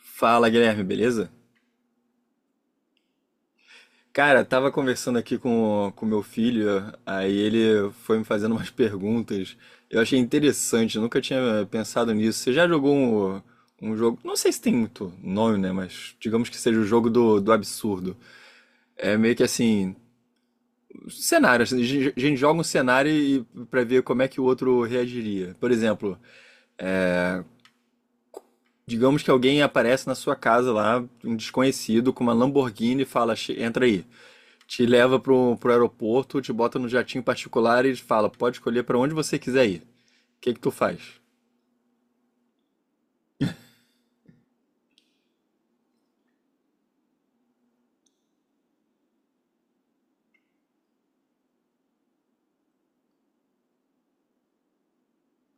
Fala, Guilherme, beleza? Cara, tava conversando aqui com meu filho, aí ele foi me fazendo umas perguntas. Eu achei interessante, eu nunca tinha pensado nisso. Você já jogou um jogo, não sei se tem muito nome, né, mas digamos que seja o jogo do absurdo. É meio que assim, cenário, assim, a gente joga um cenário e para ver como é que o outro reagiria. Por exemplo, digamos que alguém aparece na sua casa lá, um desconhecido com uma Lamborghini e fala, entra aí. Te leva pro aeroporto, te bota no jatinho particular e fala, pode escolher para onde você quiser ir. O que que tu faz?"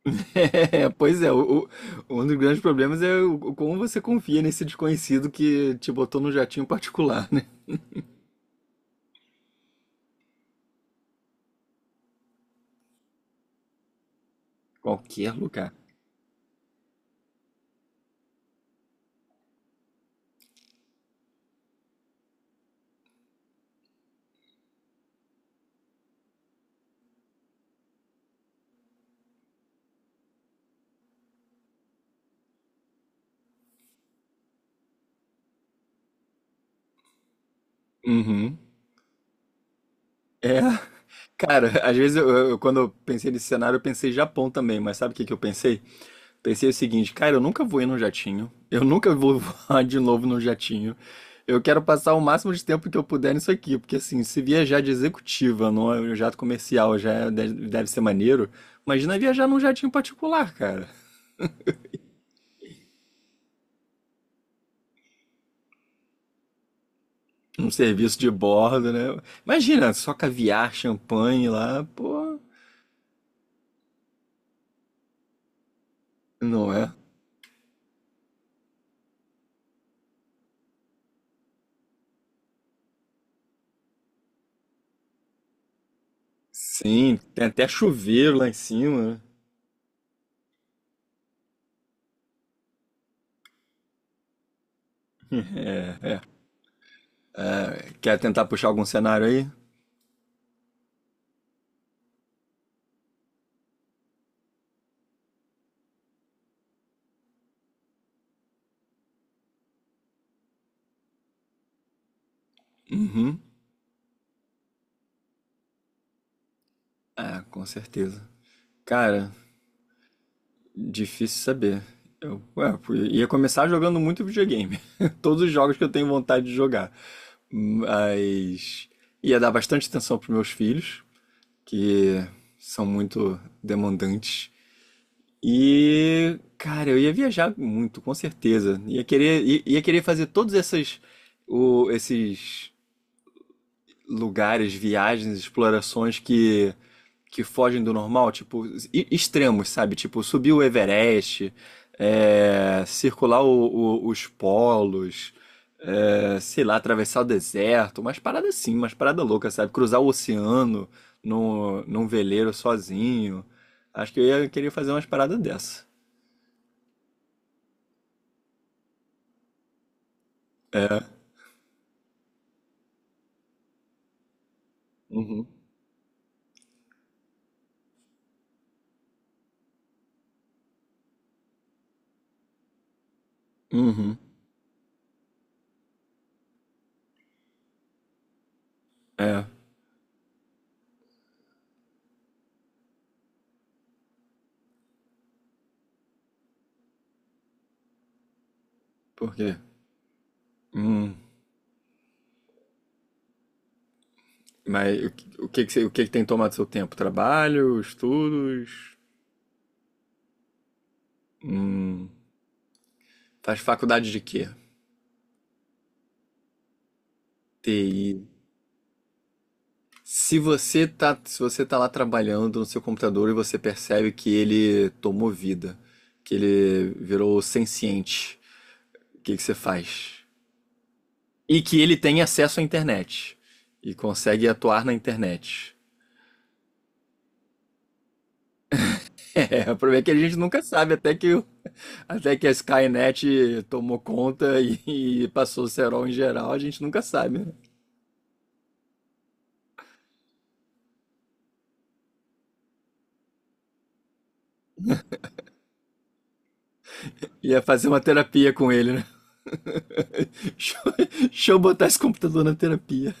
É, pois é, um dos grandes problemas é o como você confia nesse desconhecido que te botou no jatinho particular, né? Qualquer lugar. Uhum. É, cara, às vezes quando eu pensei nesse cenário, eu pensei Japão também, mas sabe o que que eu pensei? Pensei o seguinte, cara, eu nunca voei num jatinho, eu nunca vou voar de novo num jatinho. Eu quero passar o máximo de tempo que eu puder nisso aqui, porque assim, se viajar de executiva, não é um jato comercial, deve ser maneiro. Imagina viajar num jatinho particular, cara. Um serviço de bordo, né? Imagina, só caviar, champanhe lá, pô, não é? Sim, tem até chuveiro lá em cima, né? É, é. Quer tentar puxar algum cenário aí? Uhum. É, com certeza. Cara, difícil saber. Eu, ué, eu ia começar jogando muito videogame. Todos os jogos que eu tenho vontade de jogar. Mas ia dar bastante atenção pros meus filhos, que são muito demandantes. E, cara, eu ia viajar muito, com certeza. Ia querer, ia querer fazer todos essas, esses lugares, viagens, explorações que fogem do normal, tipo extremos, sabe? Tipo subir o Everest, é, circular os polos, é, sei lá, atravessar o deserto, umas paradas assim, umas paradas loucas, sabe? Cruzar o oceano num veleiro sozinho. Acho que eu ia querer fazer umas paradas dessa. É. Uhum. Uhum. É. Por quê? Hum. Mas o que que você- o que que tem tomado seu tempo? Trabalho, estudos? Hum, faz faculdade de quê? TI. Se você tá, se você tá lá trabalhando no seu computador e você percebe que ele tomou vida, que ele virou senciente, o que que você faz? E que ele tem acesso à internet e consegue atuar na internet. É, o problema é que a gente nunca sabe até até que a Skynet tomou conta e passou o cerol em geral, a gente nunca sabe, né? Ia fazer uma terapia com ele, né? Deixa eu, deixa eu botar esse computador na terapia.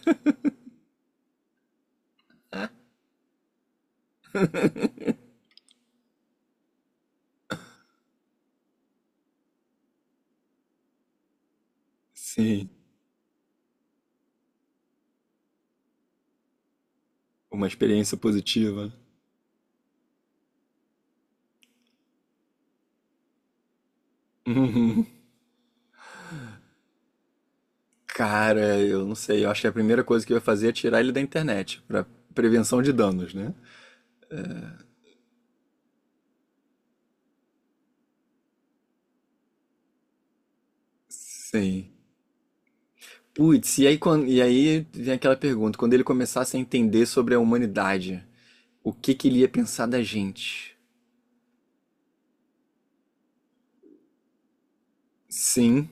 Sim, uma experiência positiva. Uhum. Cara, eu não sei, eu acho que a primeira coisa que eu ia fazer é tirar ele da internet, pra prevenção de danos, né? Sim. Putz, e aí, quando e aí vem aquela pergunta, quando ele começasse a entender sobre a humanidade, o que que ele ia pensar da gente. Sim.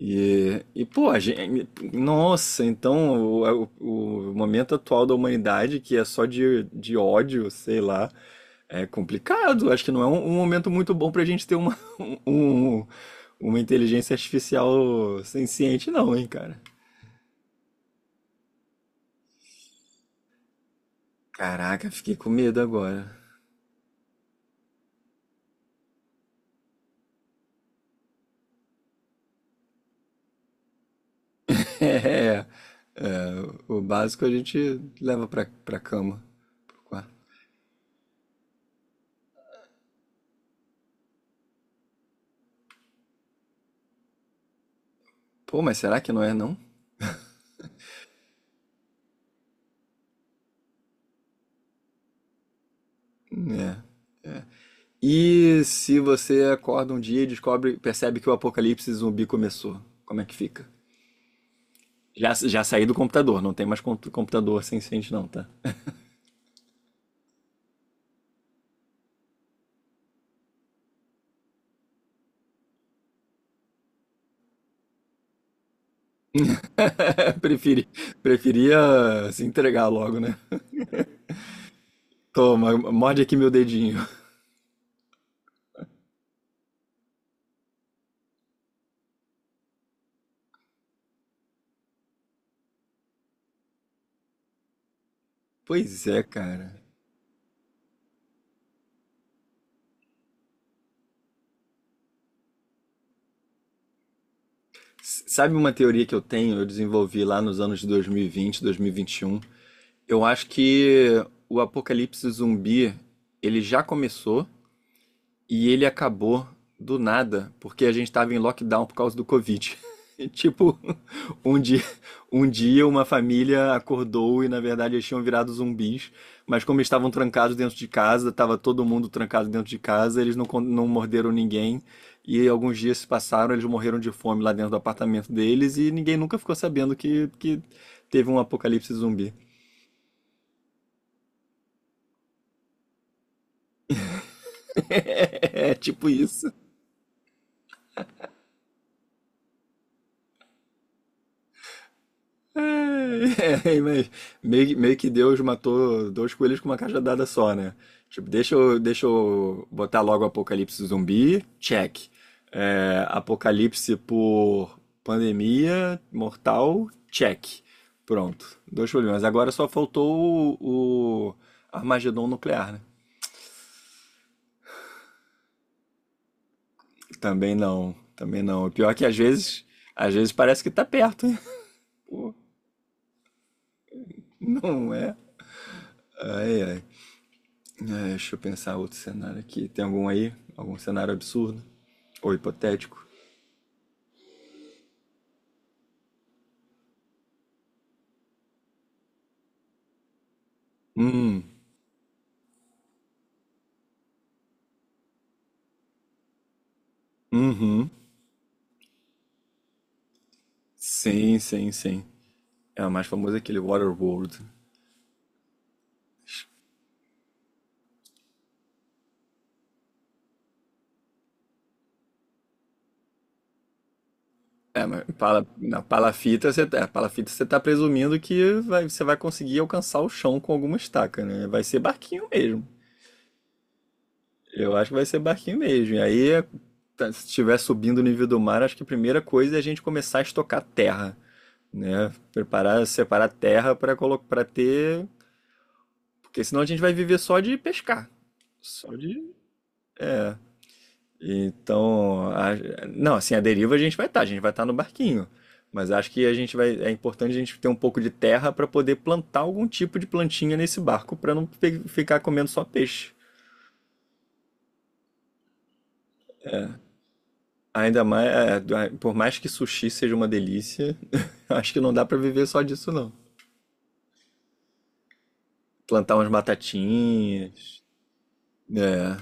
E pô, a gente, nossa, então o momento atual da humanidade, que é só de ódio, sei lá, é complicado. Acho que não é um momento muito bom pra gente ter uma, um, uma inteligência artificial senciente, não, hein, cara. Caraca, fiquei com medo agora. É, é, o básico a gente leva pra cama, pro quarto. Pô, mas será que não é, não? É, é. E se você acorda um dia e descobre, percebe que o apocalipse zumbi começou, como é que fica? Já saí do computador, não tem mais computador senciente não, tá? Preferi, preferia se entregar logo, né? Toma, morde aqui meu dedinho. Pois é, cara. Sabe uma teoria que eu tenho, eu desenvolvi lá nos anos de 2020, 2021? Eu acho que o apocalipse zumbi, ele já começou. E ele acabou do nada, porque a gente estava em lockdown por causa do Covid. E, tipo, um dia, um dia uma família acordou e na verdade eles tinham virado zumbis, mas como eles estavam trancados dentro de casa, estava todo mundo trancado dentro de casa, eles não morderam ninguém. E alguns dias se passaram, eles morreram de fome lá dentro do apartamento deles e ninguém nunca ficou sabendo que teve um apocalipse zumbi. É tipo isso. É, é, mas meio que Deus matou dois coelhos com uma cajadada só, né? Tipo, deixa eu botar logo apocalipse zumbi, check. É, apocalipse por pandemia mortal, check. Pronto, dois problemas. Agora só faltou o Armagedon nuclear, né? Também não, também não. O pior é que às vezes parece que tá perto, hein? Não é? Ai, ai. É, deixa eu pensar outro cenário aqui. Tem algum aí? Algum cenário absurdo? Ou hipotético? Hum, uhum. Sim, sim, sim. É o mais famoso é aquele Waterworld. É, mas pala, na palafita você, é, palafita você tá presumindo que vai- você vai conseguir alcançar o chão com alguma estaca, né? Vai ser barquinho mesmo. Eu acho que vai ser barquinho mesmo. E aí, tá, se estiver subindo o nível do mar, acho que a primeira coisa é a gente começar a estocar terra, né? Preparar, separar terra para colocar, para ter. Porque senão a gente vai viver só de pescar. Só de. Então, a- não, assim, a deriva a gente vai estar, a gente vai estar no barquinho. Mas acho que a gente vai, é importante a gente ter um pouco de terra para poder plantar algum tipo de plantinha nesse barco para não ficar comendo só peixe. Ainda mais, é, por mais que sushi seja uma delícia, acho que não dá para viver só disso não. Plantar umas batatinhas, né?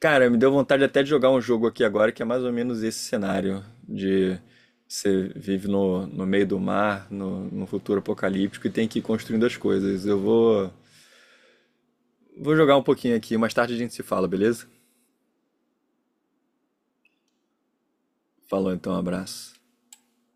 Cara, me deu vontade até de jogar um jogo aqui agora que é mais ou menos esse cenário de você vive no meio do mar, no futuro apocalíptico e tem que ir construindo as coisas. Eu vou, vou jogar um pouquinho aqui, mais tarde a gente se fala, beleza? Falou então, abraço.